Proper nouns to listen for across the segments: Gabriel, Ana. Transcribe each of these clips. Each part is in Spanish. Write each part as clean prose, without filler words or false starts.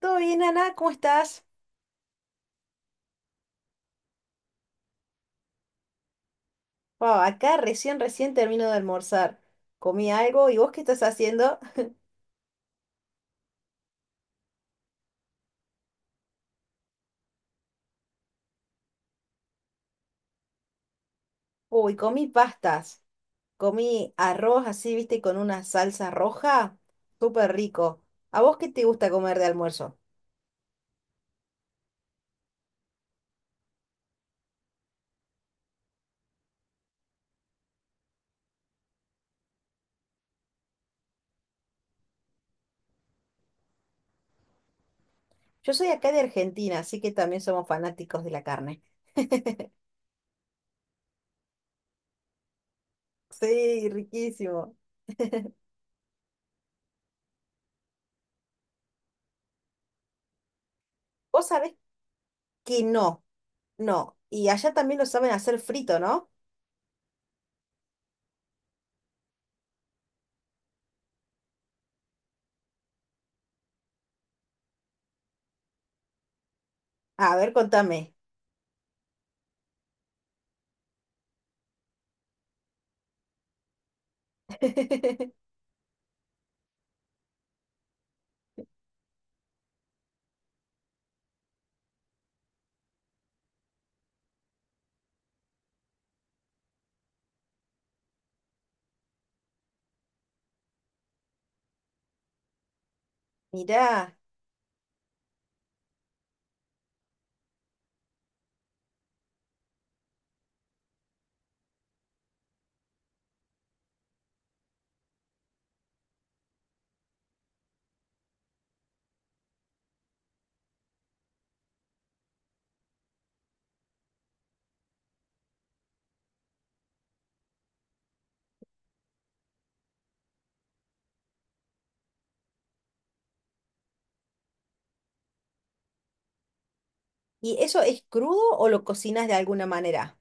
¿Todo bien, Ana? ¿Cómo estás? Wow, acá recién termino de almorzar. Comí algo, ¿y vos qué estás haciendo? Uy, comí pastas. Comí arroz así, viste, con una salsa roja. Súper rico. ¿A vos qué te gusta comer de almuerzo? Yo soy acá de Argentina, así que también somos fanáticos de la carne. Sí, riquísimo. Vos sabés que no, no. Y allá también lo saben hacer frito, ¿no? A ver, contame. Mirá. ¿Y eso es crudo o lo cocinas de alguna manera?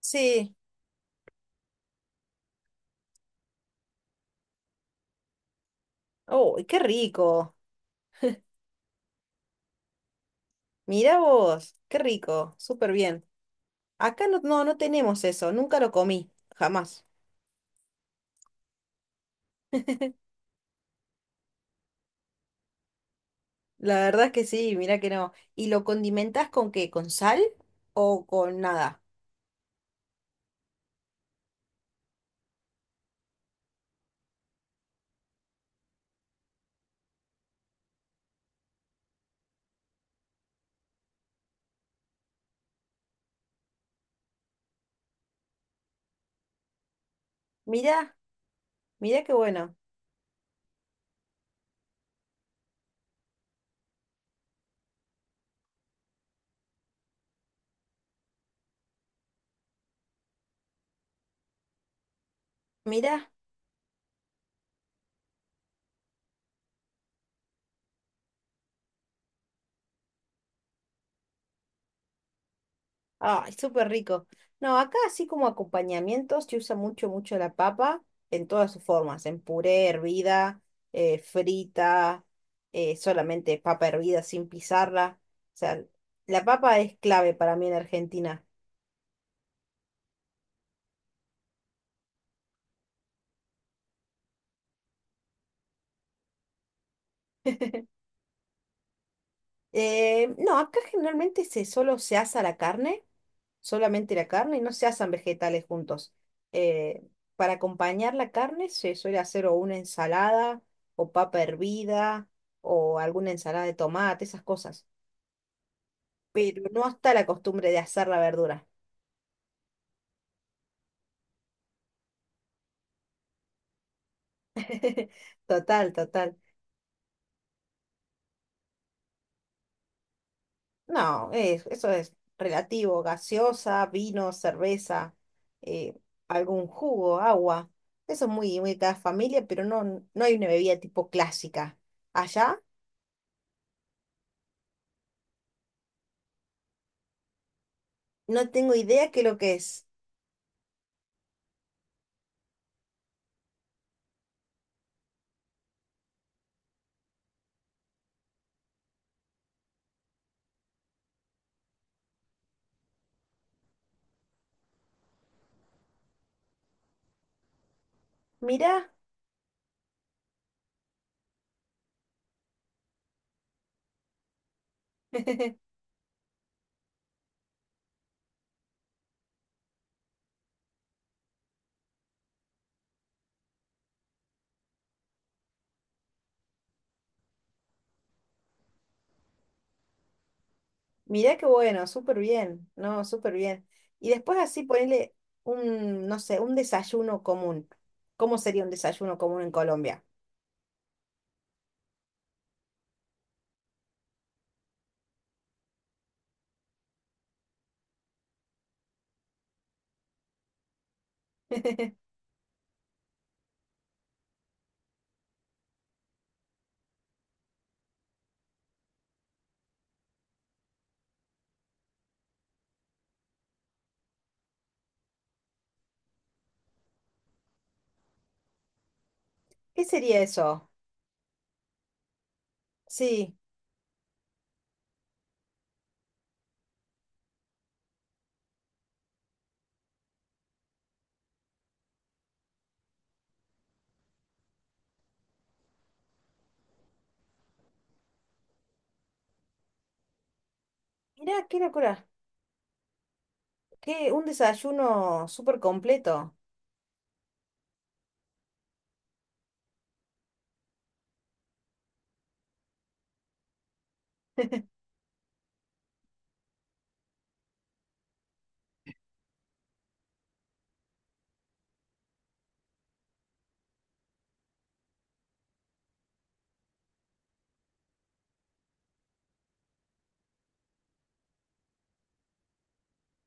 Sí. ¡Oh, qué rico! Mira vos, qué rico, súper bien. Acá no tenemos eso, nunca lo comí, jamás. La verdad es que sí, mira que no. ¿Y lo condimentas con qué? ¿Con sal o con nada? Mira, mira qué bueno. Mira. Ay, súper rico. No, acá así como acompañamientos se usa mucho, mucho la papa en todas sus formas, en puré, hervida, frita, solamente papa hervida sin pisarla. O sea, la papa es clave para mí en Argentina. No, acá generalmente se solo se asa la carne. Solamente la carne, no se hacen vegetales juntos. Eh, para acompañar la carne se suele hacer o una ensalada o papa hervida o alguna ensalada de tomate, esas cosas. Pero no está la costumbre de asar la verdura. Total, total. No, es- eso es relativo. Gaseosa, vino, cerveza, eh, algún jugo, agua. Eso es muy, muy de cada familia, pero no, no hay una bebida tipo clásica. Allá no tengo idea qué es lo que es. Mirá, mirá qué bueno, súper bien, no, súper bien. Y después así ponerle un, no sé, un desayuno común. ¿Cómo sería un desayuno común en Colombia? ¿Qué sería eso? Sí, mirá, qué locura, qué, un desayuno súper completo.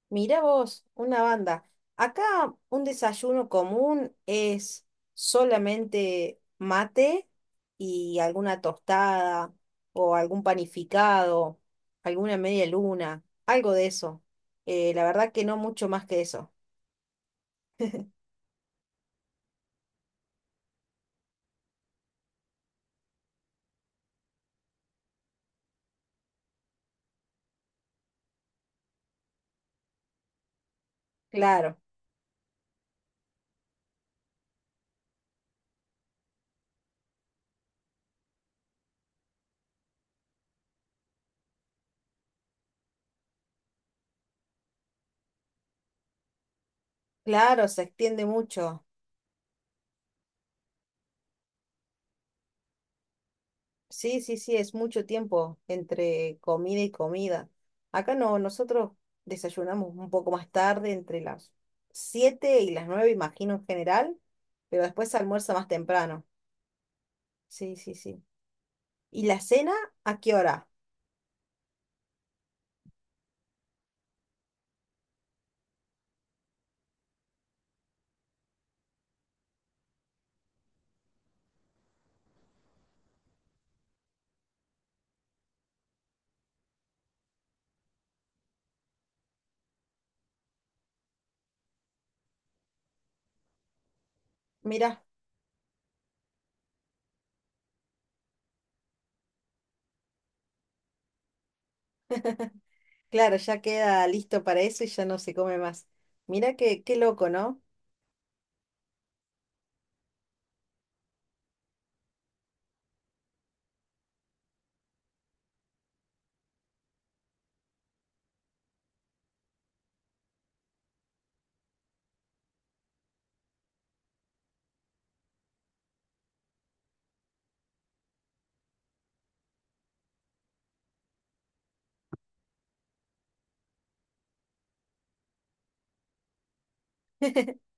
Mirá vos, una banda. Acá un desayuno común es solamente mate y alguna tostada o algún panificado, alguna media luna, algo de eso. La verdad que no mucho más que eso. Claro, claro, se extiende mucho. Sí, sí, sí, es mucho tiempo entre comida y comida. Acá no, nosotros desayunamos un poco más tarde, entre las 7 y las 9, imagino en general, pero después se almuerza más temprano. Sí, sí, sí. ¿Y la cena a qué hora? Mira, claro, ya queda listo para eso y ya no se come más. Mira qué, qué loco, ¿no?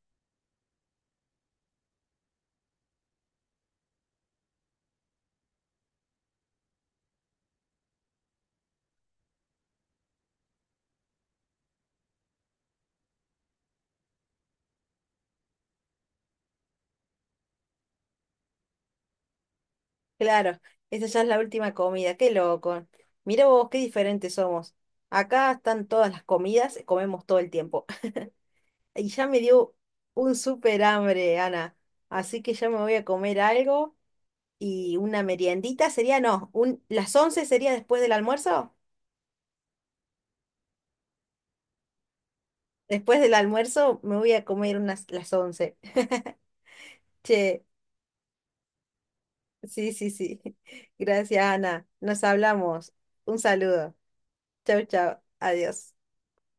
Claro, esa ya es la última comida, qué loco. Mira vos, qué diferentes somos. Acá están todas las comidas, comemos todo el tiempo. Y ya me dio un súper hambre, Ana. Así que ya me voy a comer algo y una meriendita sería, no, un, las 11 sería después del almuerzo. Después del almuerzo me voy a comer unas las once. Che, sí, sí, sí. Gracias, Ana. Nos hablamos. Un saludo. Chau, chau. Adiós.